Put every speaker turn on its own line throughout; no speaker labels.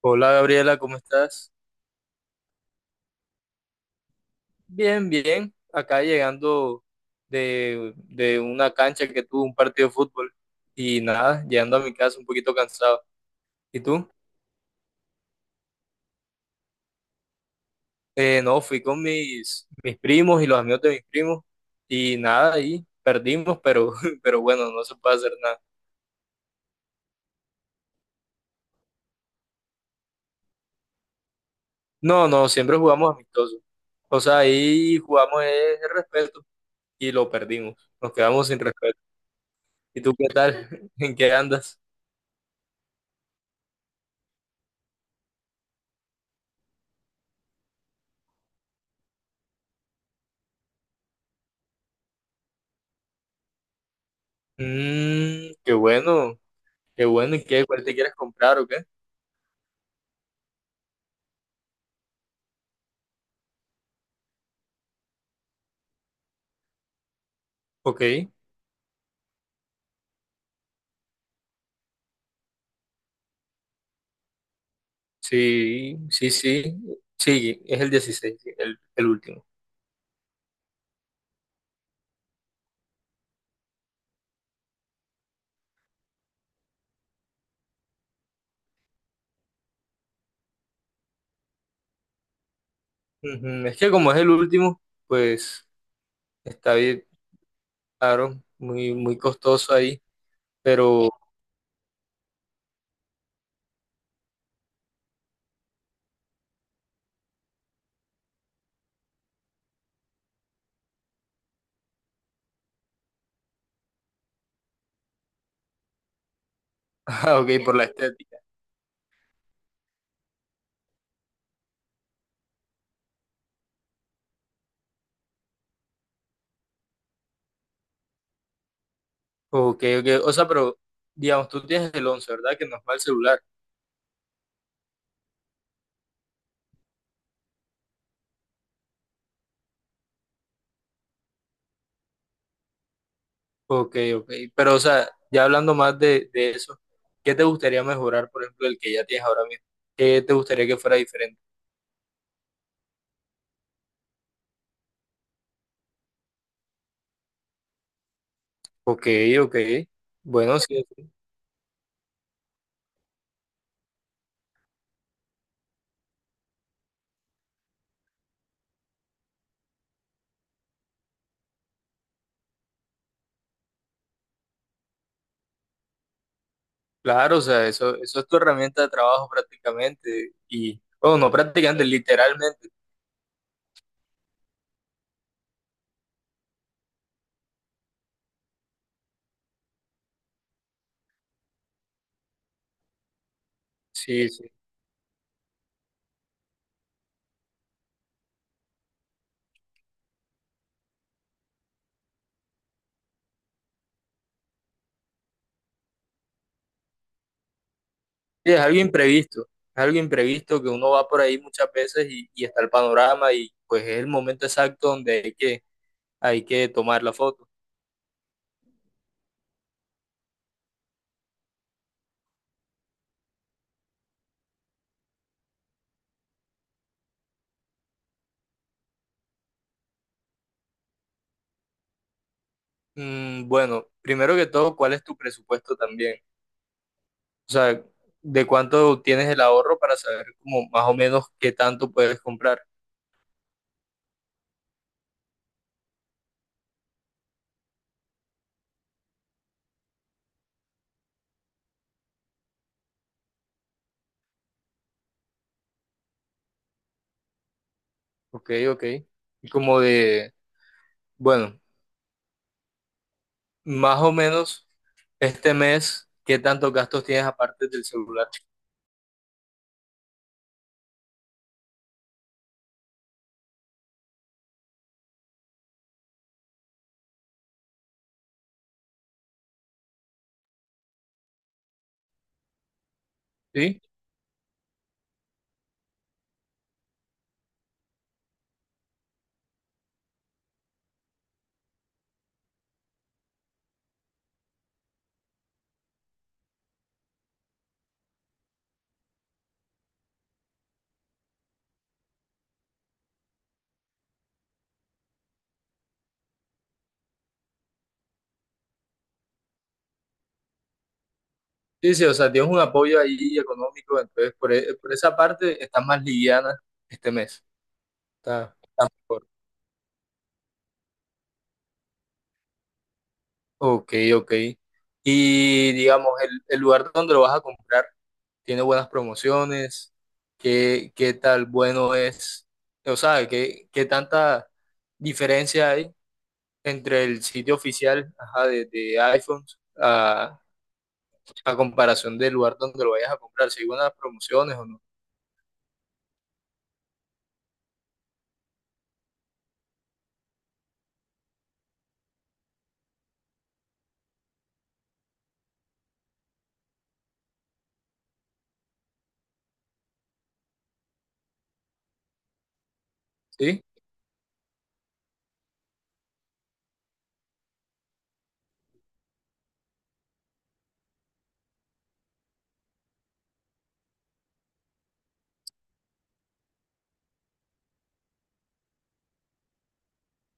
Hola Gabriela, ¿cómo estás? Bien, bien. Acá llegando de una cancha que tuve un partido de fútbol y nada, llegando a mi casa un poquito cansado. ¿Y tú? No, fui con mis primos y los amigos de mis primos y nada, ahí perdimos, pero, pero bueno, no se puede hacer nada. No, no, siempre jugamos amistosos. O sea, ahí jugamos el respeto y lo perdimos. Nos quedamos sin respeto. ¿Y tú qué tal? ¿En qué andas? Mmm, qué bueno. Qué bueno, ¿y qué? ¿Cuál te quieres comprar o qué? Ok, sí, sí, sí, sí, es el 16, sí, el último. Ujú, es que como es el último, pues está bien, claro, muy, muy costoso ahí, pero, ah, ok, por la estética. Ok, ok, o sea, pero, digamos, tú tienes el 11, ¿verdad? Que no es mal celular. Ok, ok, pero, o sea, ya hablando más de eso, ¿qué te gustaría mejorar, por ejemplo, el que ya tienes ahora mismo? ¿Qué te gustaría que fuera diferente? Ok, ok, bueno, sí. Claro, o sea, eso es tu herramienta de trabajo prácticamente. Y, bueno, no prácticamente, literalmente. Sí, sí. Sí, es algo imprevisto. Es algo imprevisto que uno va por ahí muchas veces y está el panorama y pues es el momento exacto donde hay hay que tomar la foto. Mm, bueno, primero que todo, ¿cuál es tu presupuesto también? O sea, ¿de cuánto tienes el ahorro para saber como más o menos qué tanto puedes comprar? Ok, ok. Y como de, bueno, más o menos. Este mes, ¿qué tantos gastos tienes aparte del celular? Sí, sí, sí, o sea, tienes un apoyo ahí económico, entonces por, por esa parte estás más liviana este mes. Está, está mejor. Ok, ok. Y digamos, el lugar donde lo vas a comprar tiene buenas promociones, ¿qué, qué tal bueno es? O sea, ¿qué, qué tanta diferencia hay entre el sitio oficial, ajá, de iPhones a comparación del lugar donde lo vayas a comprar, si hay buenas promociones o no. ¿Sí?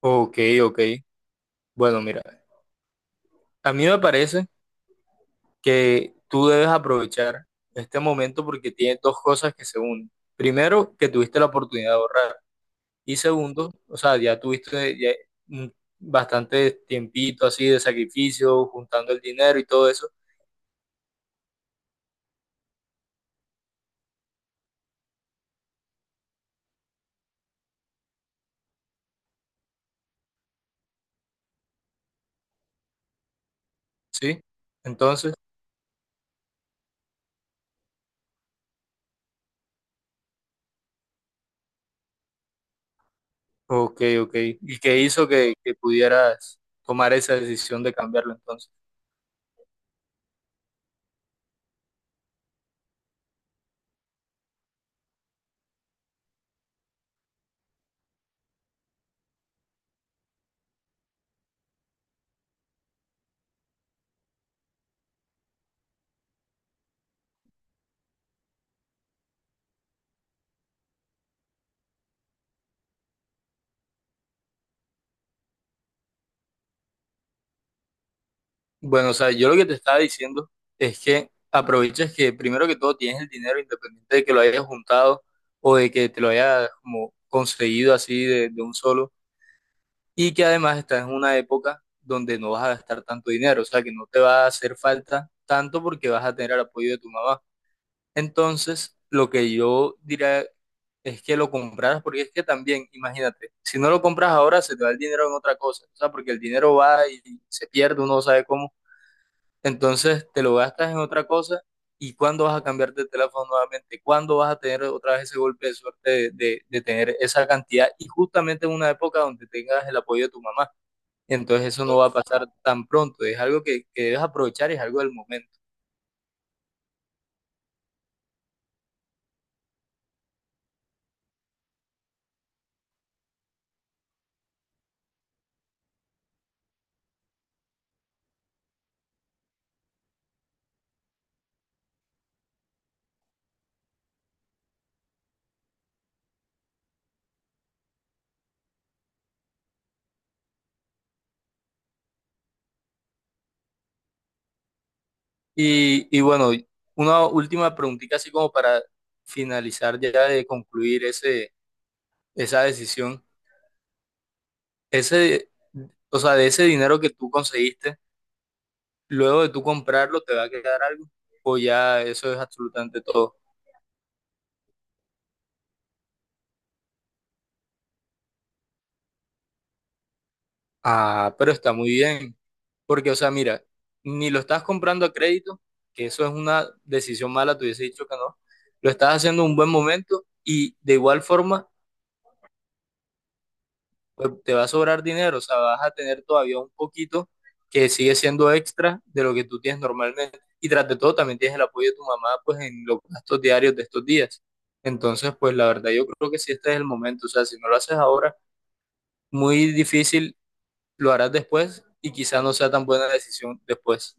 Ok, ok. Bueno, mira, a mí me parece que tú debes aprovechar este momento porque tienes dos cosas que se unen. Primero, que tuviste la oportunidad de ahorrar. Y segundo, o sea, ya tuviste ya bastante tiempito así de sacrificio, juntando el dinero y todo eso. ¿Sí? Entonces, ok, ok. ¿Y qué hizo que pudieras tomar esa decisión de cambiarlo entonces? Bueno, o sea, yo lo que te estaba diciendo es que aproveches que primero que todo tienes el dinero independiente de que lo hayas juntado o de que te lo hayas como conseguido así de un solo y que además estás en una época donde no vas a gastar tanto dinero, o sea, que no te va a hacer falta tanto porque vas a tener el apoyo de tu mamá. Entonces, lo que yo diría es que lo compraras porque es que también, imagínate, si no lo compras ahora se te va el dinero en otra cosa, o sea, porque el dinero va y se pierde, uno no sabe cómo. Entonces te lo gastas en otra cosa y cuándo vas a cambiar de teléfono nuevamente, cuándo vas a tener otra vez ese golpe de suerte de tener esa cantidad y justamente en una época donde tengas el apoyo de tu mamá. Entonces eso no va a pasar tan pronto, es algo que debes aprovechar y es algo del momento. Y bueno, una última preguntita así como para finalizar ya de concluir ese, esa decisión, ese, o sea, de ese dinero que tú conseguiste. Luego de tú comprarlo, ¿te va a quedar algo? O ya eso es absolutamente todo. Ah, pero está muy bien. Porque, o sea, mira, ni lo estás comprando a crédito, que eso es una decisión mala, te hubiese dicho que no. Lo estás haciendo en un buen momento y de igual forma, pues, te va a sobrar dinero. O sea, vas a tener todavía un poquito que sigue siendo extra de lo que tú tienes normalmente. Y tras de todo, también tienes el apoyo de tu mamá, pues, en los gastos diarios de estos días. Entonces, pues, la verdad, yo creo que sí, este es el momento. O sea, si no lo haces ahora muy difícil, lo harás después y quizás no sea tan buena decisión después.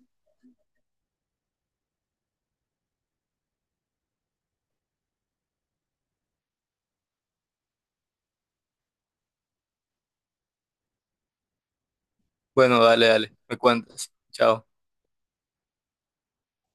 Bueno, dale, dale, me cuentas. Chao.